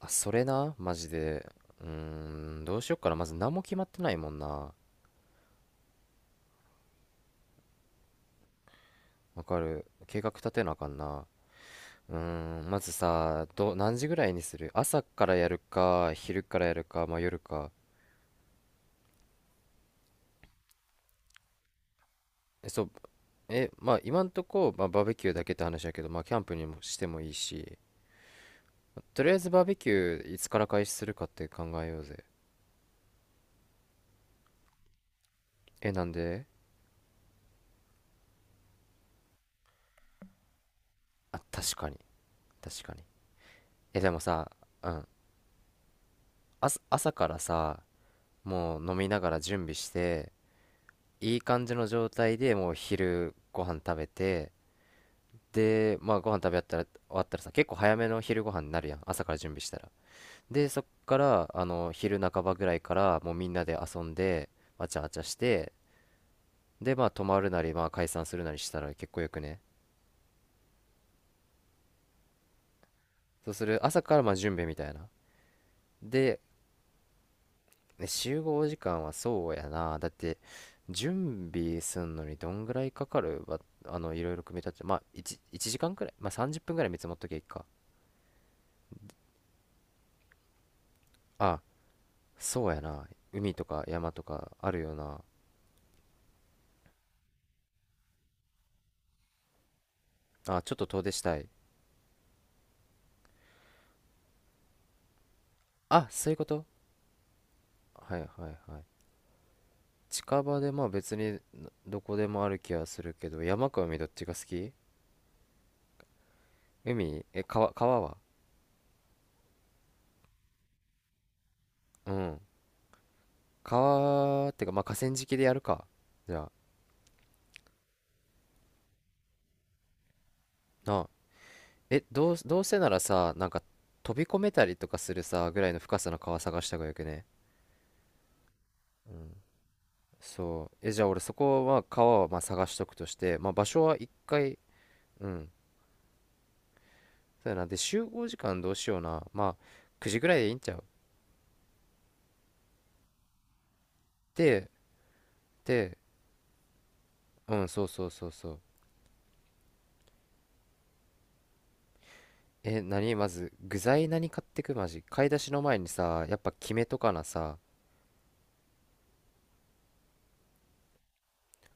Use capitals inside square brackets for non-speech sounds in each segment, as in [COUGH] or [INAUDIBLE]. あ、それな、マジで。うーどうしよっかな。まず何も決まってないもんな。わかる。計画立てなあかんな。まずさ、何時ぐらいにする？朝からやるか、昼からやるか、まあ夜か。そう、まあ今んとこ、まあ、バーベキューだけって話やけど、まあキャンプにもしてもいいし、とりあえずバーベキューいつから開始するかって考えようぜ。なんで？あ、確かに、確かに。でもさ、うん、朝からさ、もう飲みながら準備して、いい感じの状態でもう昼ご飯食べて、でまあご飯食べ終わったらさ結構早めの昼ご飯になるやん、朝から準備したら。でそっから昼半ばぐらいからもうみんなで遊んで、わちゃわちゃして、でまあ泊まるなりまあ解散するなりしたら結構よくね？そうする？朝からまあ準備みたいな。で、ね集合時間は？そうやな。だって準備すんのにどんぐらいかかるわ、いろいろ組み立てて、まあ 1, 時間くらい、まあ30分くらい見積もっときゃいいか。あ、そうやな。海とか山とかあるよな。あ、ちょっと遠出したい。あ、そういうこと？はいはいはい。近場でまあ別にどこでもある気はするけど、山か海どっちが好き？海？川は？うん。川ってかまあ河川敷でやるか。じゃあ、なあ。どうせならさ、なんか飛び込めたりとかするさ、ぐらいの深さの川探した方がよくね？そう。じゃあ俺そこは、川はまあ探しとくとして、まあ場所は一回、うん、そうやな。で、集合時間どうしような。まあ、9時ぐらいでいいんちゃう？で、で、うん、そうそうそうそう。何まず、具材何買ってくマジ。買い出しの前にさ、やっぱ決めとかなさ。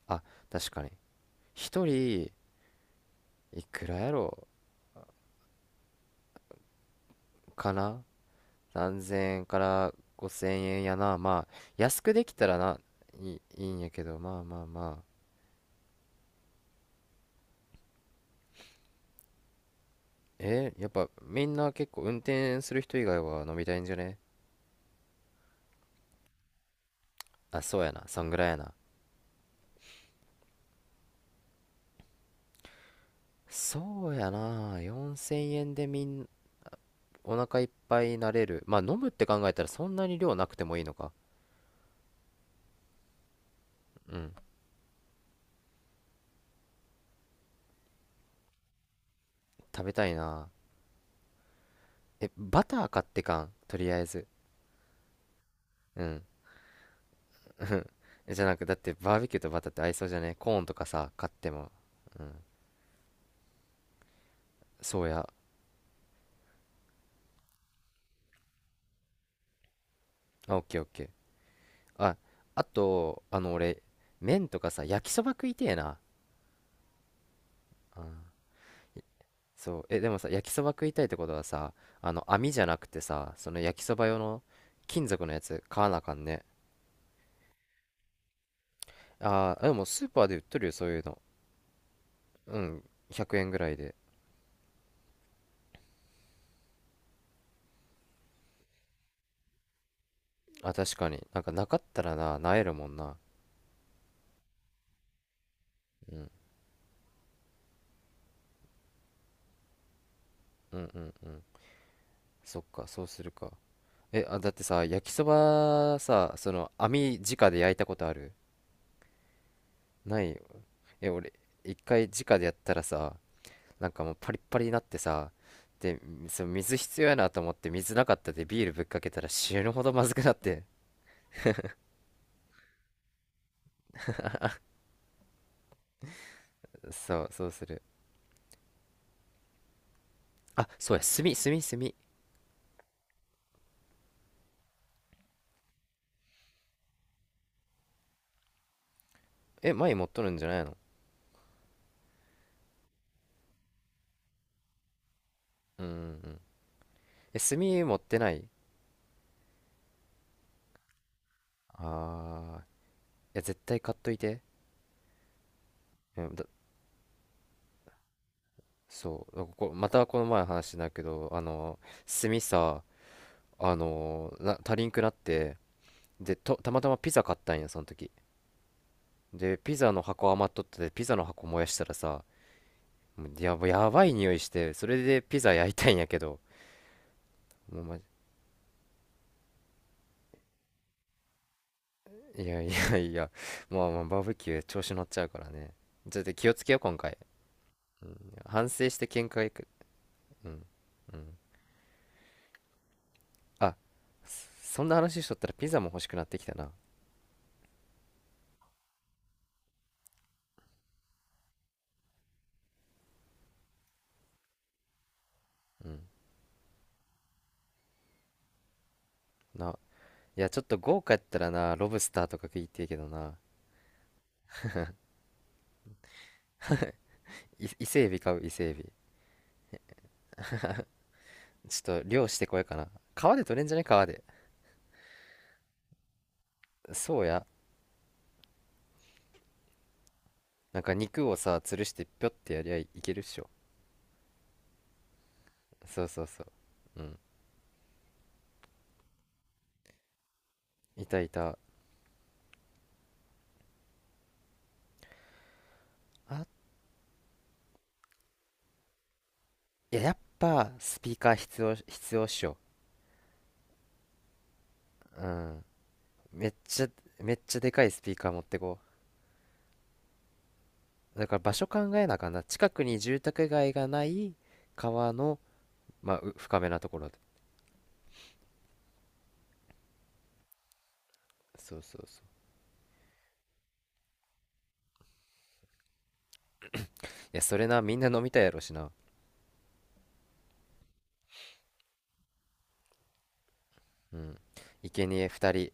あ、確かに。一人、いくらやろかな。何千円から5000円やな。まあ、安くできたらな、いいんやけど、まあまあまあ。やっぱみんな結構運転する人以外は飲みたいんじゃね？あ、そうやな。そんぐらいやな。そうやな、4000円で、お腹いっぱいになれる、まあ飲むって考えたらそんなに量なくてもいいのか。うん、食べたいな。バター買ってかんとりあえず。うん。じゃなくだってバーベキューとバターって合いそうじゃね？コーンとかさ買っても。うん。そうや。あ、オッケーオッケー。あ、あと俺、麺とかさ焼きそば食いてえな。うん。そう。でもさ焼きそば食いたいってことはさ、あの網じゃなくてさ、その焼きそば用の金属のやつ買わなあかんね。ああ、でもスーパーで売っとるよ、そういうの。うん、100円ぐらいで。あ、確かに。なんかなかったらな、なえるもんな。うん、うん、うん、うん。そっか、そうするか。あ、だってさ、焼きそばさ、その、網直で焼いたことある？ない？俺、一回直でやったらさ、なんかもうパリッパリになってさ、で、その水必要やなと思って、水なかったでビールぶっかけたら死ぬほどまずくなって。そう、そうする。あ、そうや、炭、炭、炭。前持っとるんじゃないの？うん、うんうん。炭持ってない？あー、いや、絶対買っといて。うん、そう、またこの前の話だけど、炭さ、足りんくなって、で、たまたまピザ買ったんや、その時。で、ピザの箱余っとって、ピザの箱燃やしたらさ、もうやばい匂いして、それでピザ焼いたんやけど、もういやいやいや、まあまあ、バーベキュー調子乗っちゃうからね。ちょっと気をつけよう、今回。反省して見解、うん、うん。あ、そんな話しとったらピザも欲しくなってきたな。うん。な、いや、ちょっと豪華やったらな、ロブスターとか食いてえけどな。伊勢エビ買う、伊勢エビ。ちょっと漁してこようかな。川で取れんじゃね、川で。そうや。なんか肉をさ、吊るしてぴょってやりゃいいけるっしょ。そうそうそう。うん。いたいた。あ、いや、やっぱスピーカー必要、必要っしょ。うん。めっちゃ、めっちゃでかいスピーカー持ってこう。だから場所考えなあかんな。近くに住宅街がない、川の、まあ深めなところで。そうそうそう。いや、それな、みんな飲みたいやろしな。うん、生贄二人。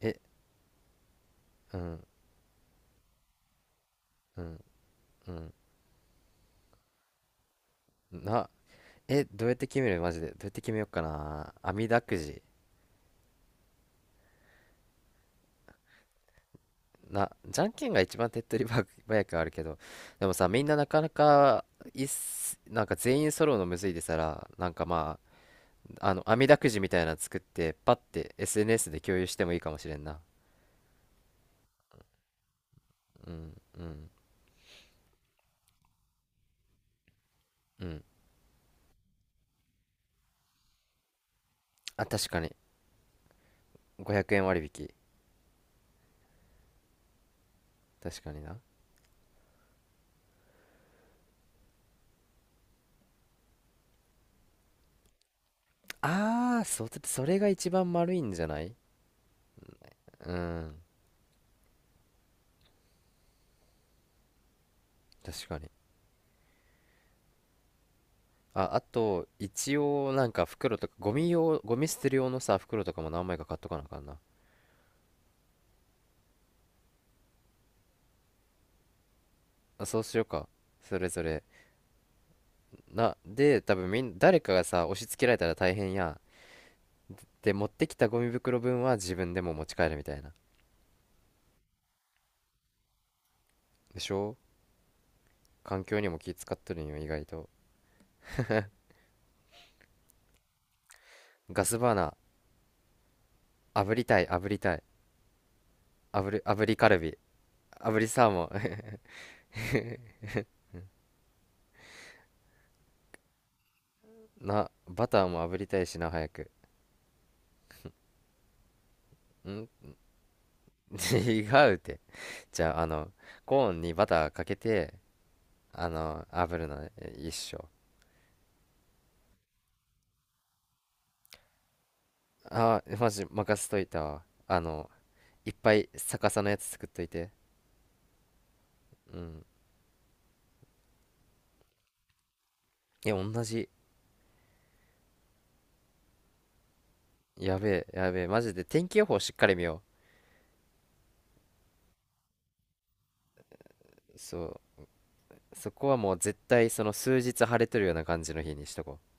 えうんうんうん。な、どうやって決めるマジでどうやって決めようかな。網だくじ。な、じゃんけんが一番手っ取り早くあるけど、でもさみんななかなかいっす、なんか全員揃うのむずいでさら、なんかま、ああの網だくじみたいなの作ってパッて SNS で共有してもいいかもしれんな。うんうんうん。あ、確かに。500円割引。確かにな。ああ、それが一番丸いんじゃない？うん、確かに。あ、あと、一応、なんか袋とか、ゴミ用、ゴミ捨てる用のさ、袋とかも何枚か買っとかなあかんな。あ、そうしようか。それぞれ。な、で、多分誰かがさ、押し付けられたら大変やん。で、持ってきたゴミ袋分は自分でも持ち帰るみたいな。でしょ？環境にも気使っとるんよ、意外と。ガスバーナー、炙りたい、炙りたい。炙りカルビ。炙りサーモン。[LAUGHS] な、バターも炙りたいしな、早く。ん。 [LAUGHS] 違うって。じゃあ、コーンにバターかけて、炙るの？一緒。あー、マジ任せといたわ。いっぱい逆さのやつ作っといて。うん。いや、同じ。やべえ、やべえ。マジで天気予報しっかり見よう。そう。そこはもう絶対その数日晴れとるような感じの日にしとこう。